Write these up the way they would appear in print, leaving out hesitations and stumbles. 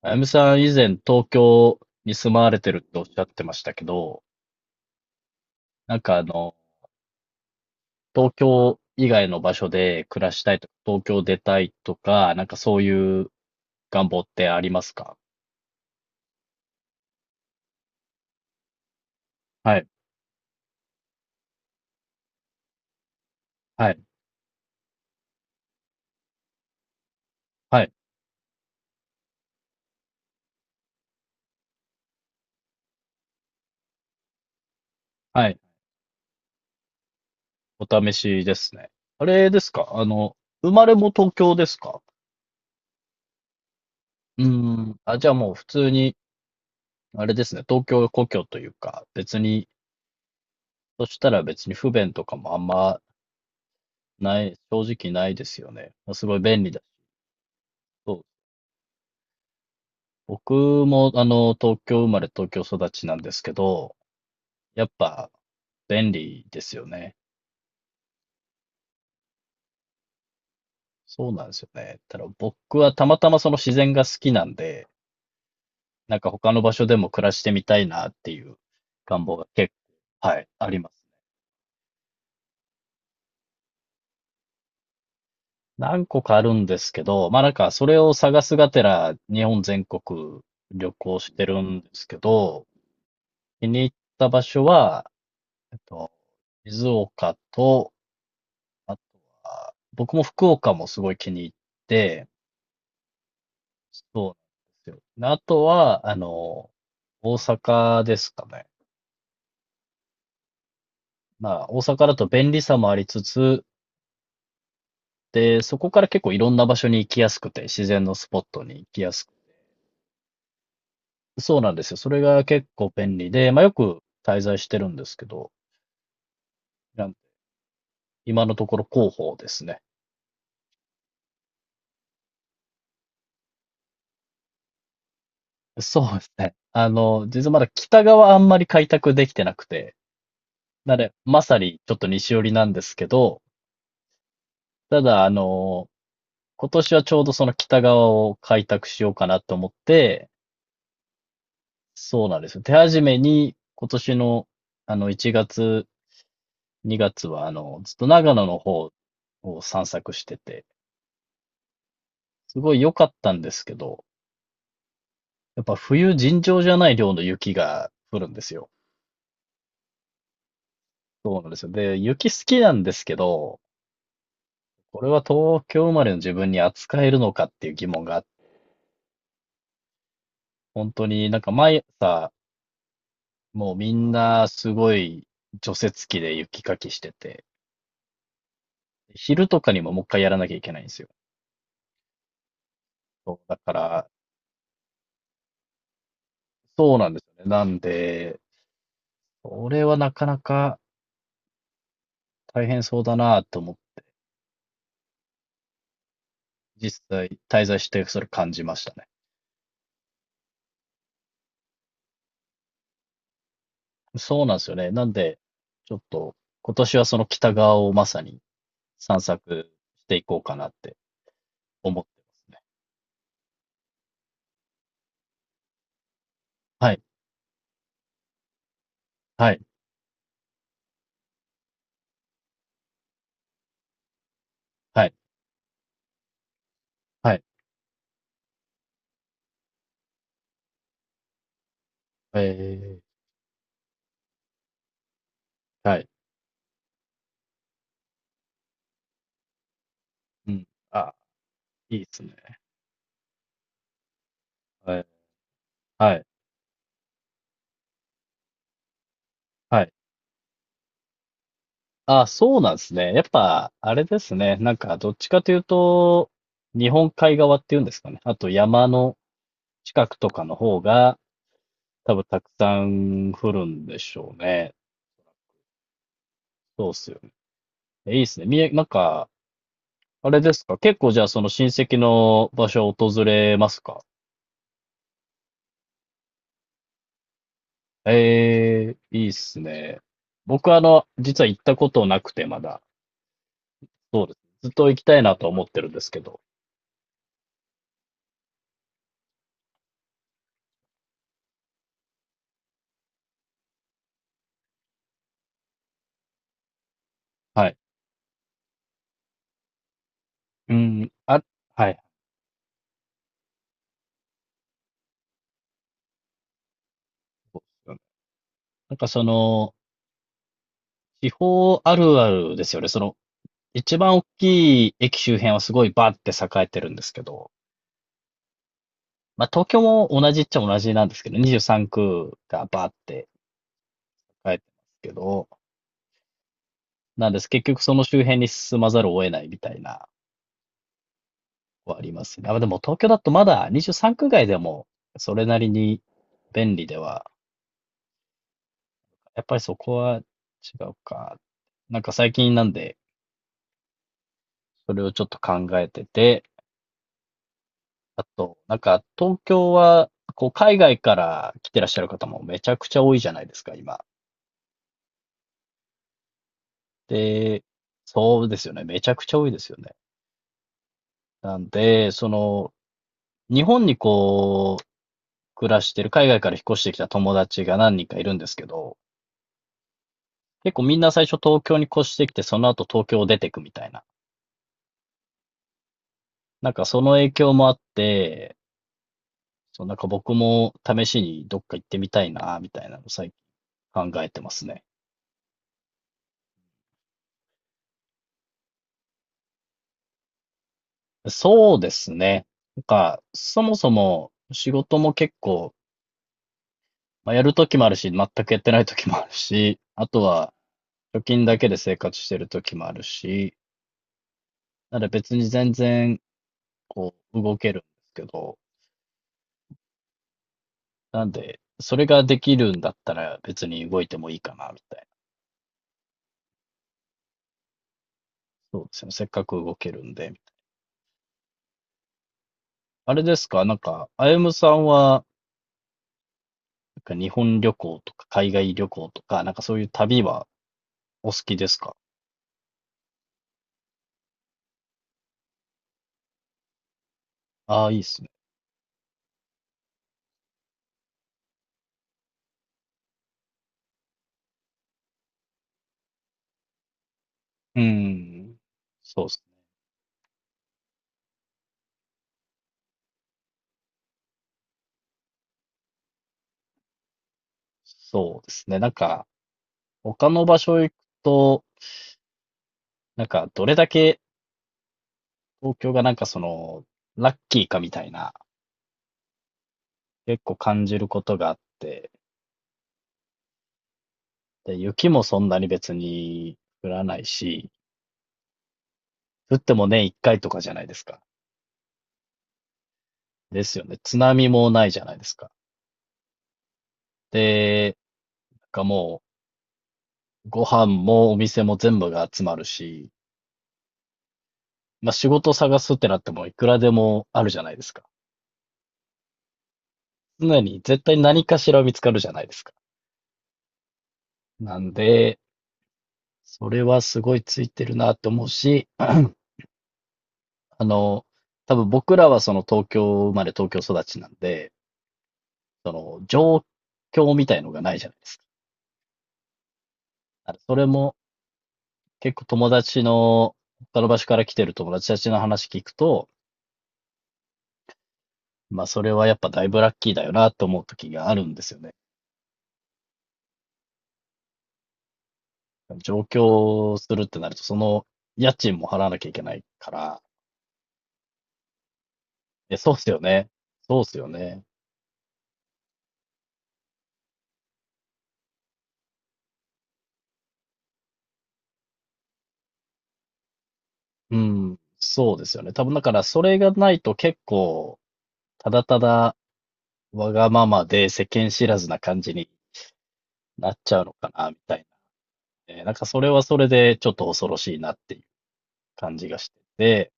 あやむさん、以前東京に住まわれてるっておっしゃってましたけど、なんか東京以外の場所で暮らしたいとか、東京出たいとか、なんかそういう願望ってありますか？はい、はい、はい、はい。お試しですね。あれですか、生まれも東京ですか？うーん。あ、じゃあもう普通に、あれですね、東京故郷というか、別に、そしたら別に不便とかもあんまない、正直ないですよね。すごい便利だ。僕も、東京生まれ、東京育ちなんですけど、やっぱ便利ですよね。そうなんですよね。ただ僕はたまたまその自然が好きなんで、なんか他の場所でも暮らしてみたいなっていう願望が結構、はい、あります。何個かあるんですけど、まあなんかそれを探すがてら日本全国旅行してるんですけど、気に入った場所は、えっと、静岡とあとは、僕も福岡もすごい気に入って、そうなんですよ。あとは、大阪ですかね。まあ、大阪だと便利さもありつつ、で、そこから結構いろんな場所に行きやすくて、自然のスポットに行きやすく。そうなんですよ。それが結構便利で、まあよく滞在してるんですけど、なん今のところ広報ですね。そうですね。実はまだ北側あんまり開拓できてなくて、なので、まさにちょっと西寄りなんですけど、ただ、今年はちょうどその北側を開拓しようかなと思って、そうなんですよ。手始めに今年の1月、2月はずっと長野の方を散策してて、すごい良かったんですけど、やっぱ冬尋常じゃない量の雪が降るんですよ。そうなんですよ。で、雪好きなんですけど、これは東京生まれの自分に扱えるのかっていう疑問が、本当になんか毎朝もうみんなすごい除雪機で雪かきしてて、昼とかにももう一回やらなきゃいけないんですよ。そう、だから、そうなんですよね。なんで、それはなかなか大変そうだなと思って実際滞在してそれ感じましたね。そうなんですよね。なんで、ちょっと今年はその北側をまさに散策していこうかなって思ってますね。はい、はい、はい、はい。えいはい。うん。あ、いいですね。はい、はい、はい。あ、そうなんですね。やっぱ、あれですね。なんか、どっちかというと、日本海側っていうんですかね。あと山の近くとかの方が、多分たくさん降るんでしょうね。そうっすよね。えいいっすね。なんか、あれですか。結構じゃあその親戚の場所を訪れますか？ええ、いいっすね。僕は実は行ったことなくてまだ。そうです。ずっと行きたいなと思ってるんですけど。はい。うん、あ、はい。そうですよね。なんか地方あるあるですよね。一番大きい駅周辺はすごいバーって栄えてるんですけど、まあ東京も同じっちゃ同じなんですけど、23区がバーって栄えてますけど、なんです。結局その周辺に進まざるを得ないみたいな、はありますね。あ、でも東京だとまだ23区外でもそれなりに便利では、やっぱりそこは違うか。なんか最近なんで、それをちょっと考えてて、あと、なんか、東京は、海外から来てらっしゃる方もめちゃくちゃ多いじゃないですか、今。で、そうですよね。めちゃくちゃ多いですよね。なんで、日本に暮らしてる、海外から引っ越してきた友達が何人かいるんですけど、結構みんな最初東京に越してきて、その後東京を出てくみたいな。なんかその影響もあって、そう、なんか僕も試しにどっか行ってみたいな、みたいなのを最近考えてますね。そうですね。なんか、そもそも仕事も結構、まあ、やるときもあるし、全くやってないときもあるし、あとは貯金だけで生活してるときもあるし、なので別に全然動けるんですけど、なんで、それができるんだったら別に動いてもいいかな、みたいな。そうですね。せっかく動けるんで。あれですかなんか、あゆむさんは、なんか日本旅行とか海外旅行とか、なんかそういう旅はお好きですか？ああー、いいっすね。うん。そうですね。そうですね。なんか、他の場所行くと、なんか、どれだけ東京がなんかラッキーかみたいな、結構感じることがあって、で、雪もそんなに別に降らないし、降っても年一回とかじゃないですか。ですよね。津波もないじゃないですか。で、なんかもう、ご飯もお店も全部が集まるし、まあ仕事探すってなってもいくらでもあるじゃないですか。常に絶対何かしら見つかるじゃないですか。なんで、それはすごいついてるなって思うし、の、多分僕らはその東京生まれ東京育ちなんで、その状況みたいのがないじゃないですか。だからそれも結構友達の、他の場所から来てる友達たちの話聞くと、まあそれはやっぱだいぶラッキーだよなって思う時があるんですよね。上京するってなると、その家賃も払わなきゃいけないから、え、そうっすよね。そうっすよね。うん、そうですよね。多分だからそれがないと結構、ただただわがままで世間知らずな感じになっちゃうのかな、みたいなね。なんかそれはそれでちょっと恐ろしいなっていう感じがしてて、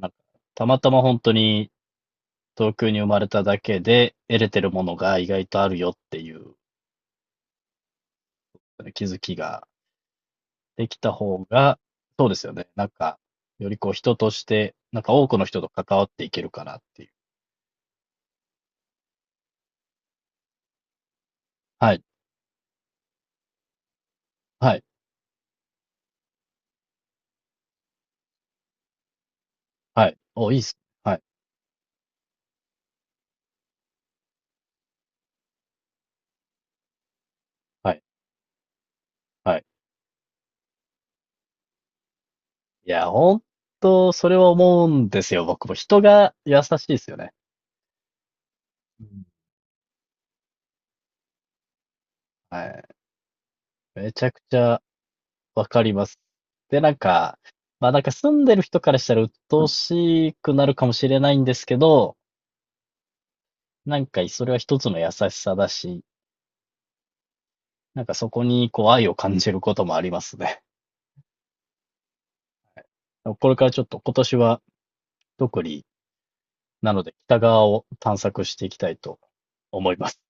なんかたまたま本当に東京に生まれただけで得れてるものが意外とあるよっていうね気づきができた方が、そうですよね。なんか、より人として、なんか多くの人と関わっていけるかなっていう。はい、はい、はい。お、いいっす。はい。はい、はい。いや、本当それは思うんですよ。僕も人が優しいですよね。うん。はい。めちゃくちゃわかります。で、なんか、ま、なんか住んでる人からしたら鬱陶しくなるかもしれないんですけど、なんかそれは一つの優しさだし、なんかそこに愛を感じることもありますね。これからちょっと今年は特に、なので北側を探索していきたいと思います。